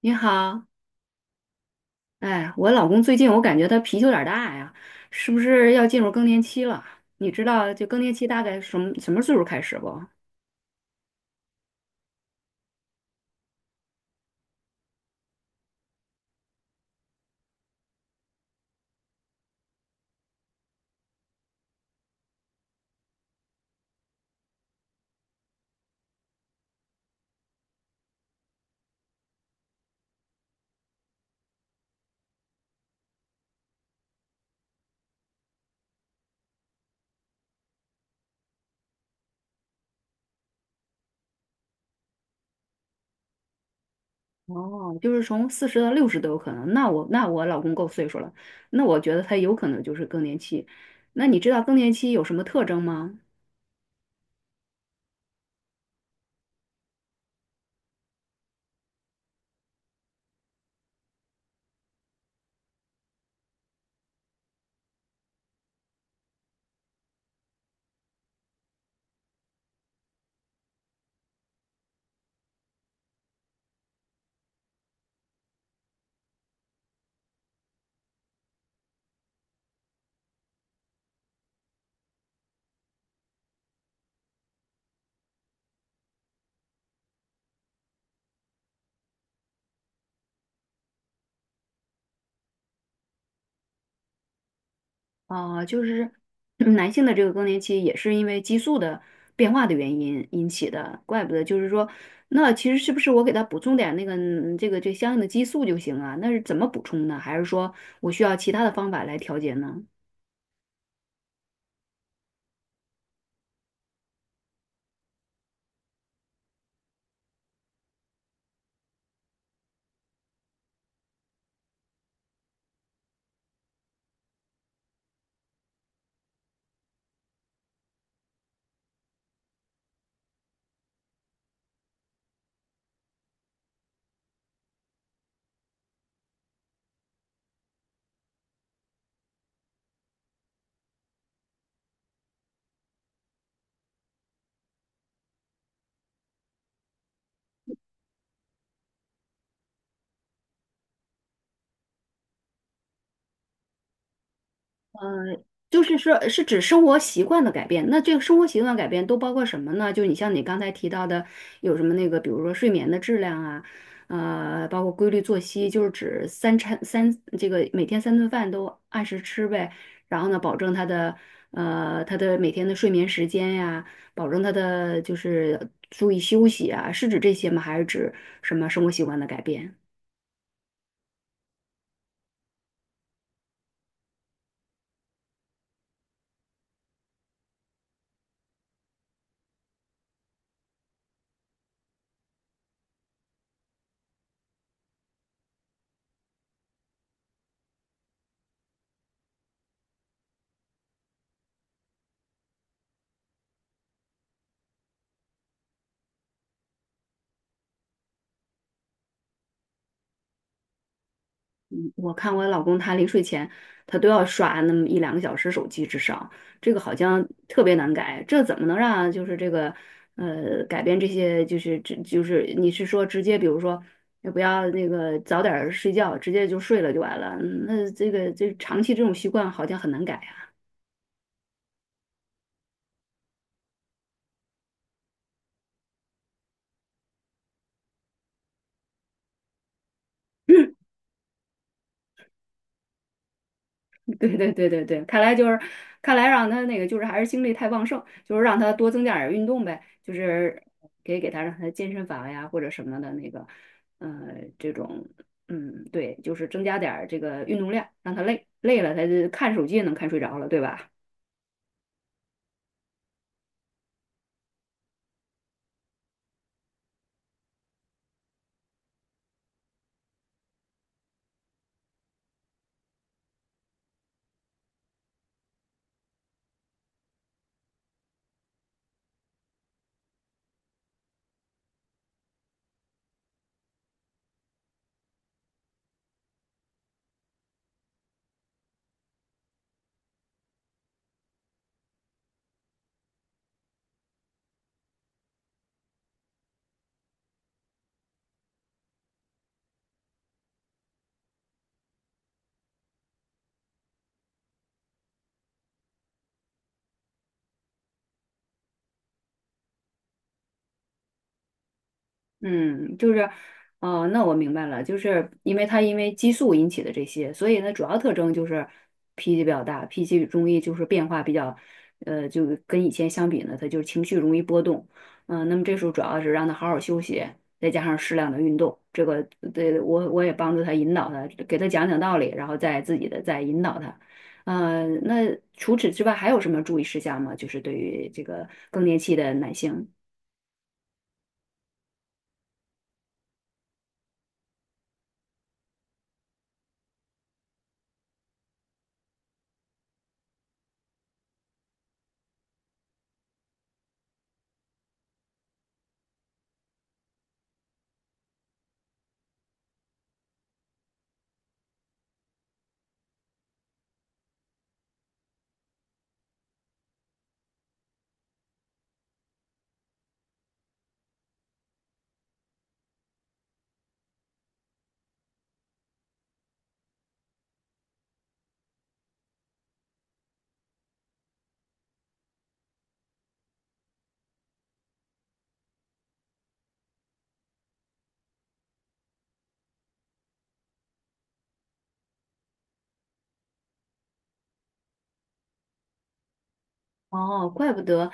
你好，哎，我老公最近我感觉他脾气有点儿大呀，是不是要进入更年期了？你知道就更年期大概什么什么岁数开始不？哦，就是从40到60都有可能。那我老公够岁数了，那我觉得他有可能就是更年期。那你知道更年期有什么特征吗？啊，就是男性的这个更年期也是因为激素的变化的原因引起的，怪不得就是说，那其实是不是我给他补充点那个这相应的激素就行啊？那是怎么补充呢？还是说我需要其他的方法来调节呢？就是说，是指生活习惯的改变。那这个生活习惯改变都包括什么呢？就你像你刚才提到的，有什么那个，比如说睡眠的质量啊，包括规律作息，就是指三餐三这个每天三顿饭都按时吃呗。然后呢，保证他的每天的睡眠时间呀，保证他的就是注意休息啊，是指这些吗？还是指什么生活习惯的改变？嗯我看我老公他临睡前，他都要刷那么一两个小时手机至少，这个好像特别难改，这怎么能让就是这个改变这些就是这就是你是说直接比如说也不要那个早点儿睡觉，直接就睡了就完了，嗯那这个这长期这种习惯好像很难改。对对对对对，看来就是，看来让他那个就是还是精力太旺盛，就是让他多增加点儿运动呗，就是可以给他让他健身房呀或者什么的那个，呃，这种，嗯，对，就是增加点儿这个运动量，让他累累了他就看手机也能看睡着了，对吧？嗯，就是，哦，那我明白了，就是因为他因为激素引起的这些，所以呢，主要特征就是脾气比较大，脾气容易就是变化比较，就跟以前相比呢，他就是情绪容易波动，嗯、那么这时候主要是让他好好休息，再加上适量的运动，这个对我也帮助他引导他，给他讲讲道理，然后再自己的再引导他，那除此之外还有什么注意事项吗？就是对于这个更年期的男性。哦，怪不得，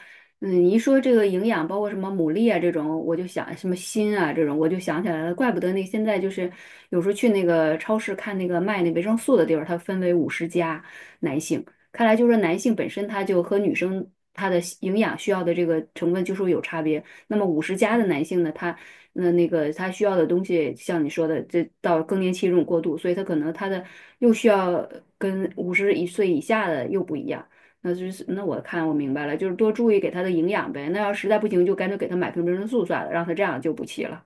嗯，你一说这个营养，包括什么牡蛎啊这种，我就想什么锌啊这种，我就想起来了，怪不得那现在就是有时候去那个超市看那个卖那维生素的地儿，它分为五十加男性，看来就是男性本身他就和女生他的营养需要的这个成分就是有差别。那么五十加的男性呢，他那那个他需要的东西，像你说的，这到更年期这种过渡，所以他可能他的又需要跟51岁以下的又不一样。那就是那我看我明白了，就是多注意给他的营养呗。那要实在不行，就干脆给他买瓶维生素算了，让他这样就补气了。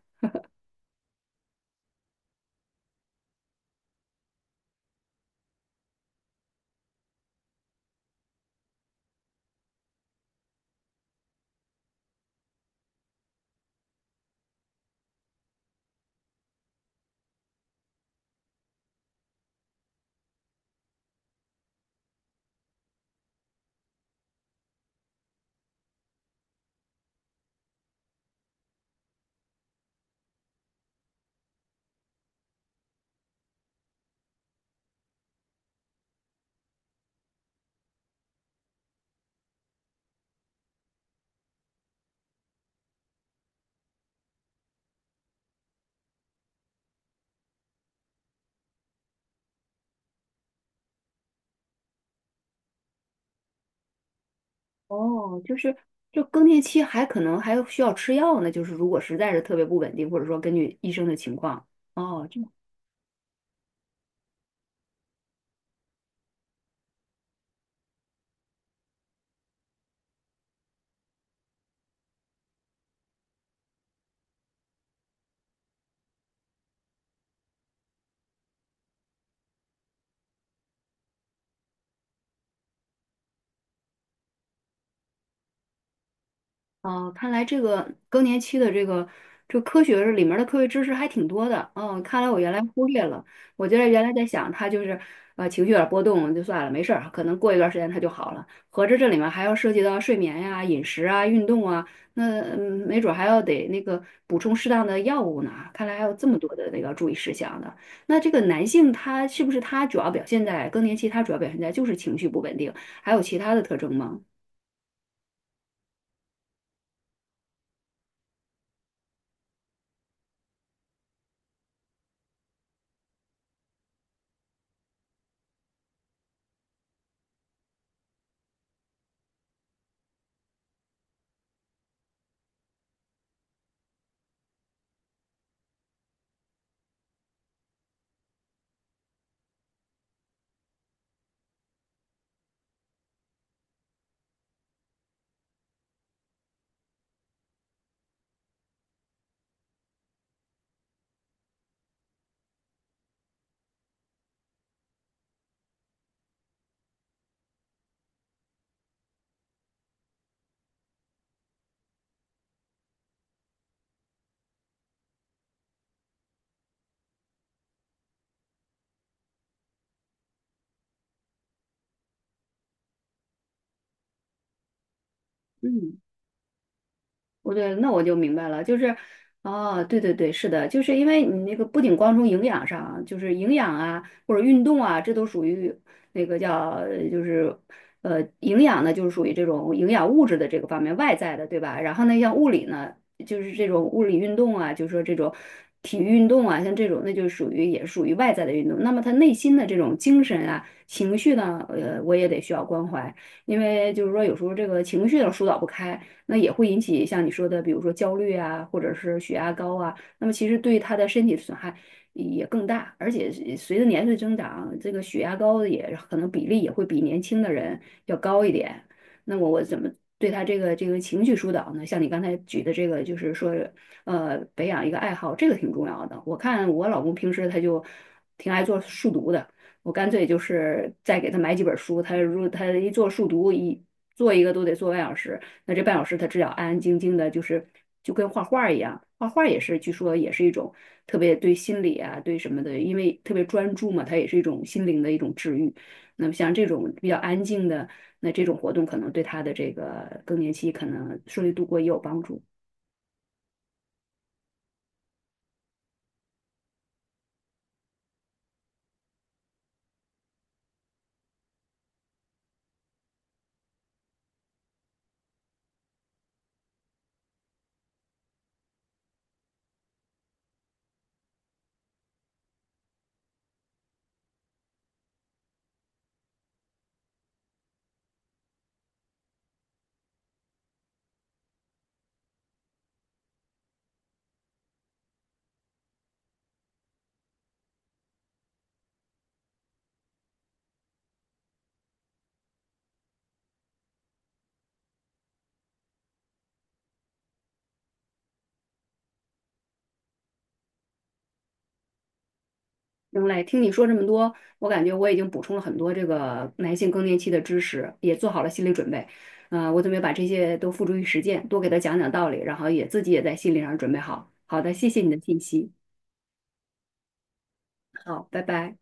哦，就更年期还可能还需要吃药呢，就是如果实在是特别不稳定，或者说根据医生的情况。哦，这哦，看来这个更年期的这个科学里面的科学知识还挺多的。嗯，看来我原来忽略了。我觉得原来在想他就是情绪有点波动就算了，没事儿，可能过一段时间他就好了。合着这里面还要涉及到睡眠呀、饮食啊、运动啊，那嗯没准儿还要得那个补充适当的药物呢。看来还有这么多的那个注意事项的。那这个男性他是不是他主要表现在更年期？他主要表现在就是情绪不稳定，还有其他的特征吗？嗯。我对，那我就明白了，就是，哦，对对对，是的，就是因为你那个不仅光从营养上啊就是营养啊或者运动啊，这都属于那个叫呃就是营养呢，就是属于这种营养物质的这个方面外在的，对吧？然后呢，像物理呢，就是这种物理运动啊，就是说这种体育运动啊，像这种那就属于也属于外在的运动。那么他内心的这种精神啊、情绪呢，我也得需要关怀，因为就是说有时候这个情绪呢疏导不开。那也会引起像你说的，比如说焦虑啊，或者是血压高啊，那么其实对他的身体损害也更大，而且随着年岁增长，这个血压高的也可能比例也会比年轻的人要高一点。那么我怎么对他这个情绪疏导呢？像你刚才举的这个，就是说，培养一个爱好，这个挺重要的。我看我老公平时他就挺爱做数独的，我干脆就是再给他买几本书，他如他一做数独一做一个都得做半小时，那这半小时他只要安安静静的，就是就跟画画一样，画画也是，据说也是一种特别对心理啊，对什么的，因为特别专注嘛，它也是一种心灵的一种治愈。那么像这种比较安静的，那这种活动可能对他的这个更年期可能顺利度过也有帮助。行嘞，听你说这么多，我感觉我已经补充了很多这个男性更年期的知识，也做好了心理准备。我准备把这些都付诸于实践，多给他讲讲道理，然后也自己也在心理上准备好。好的，谢谢你的信息。好，拜拜。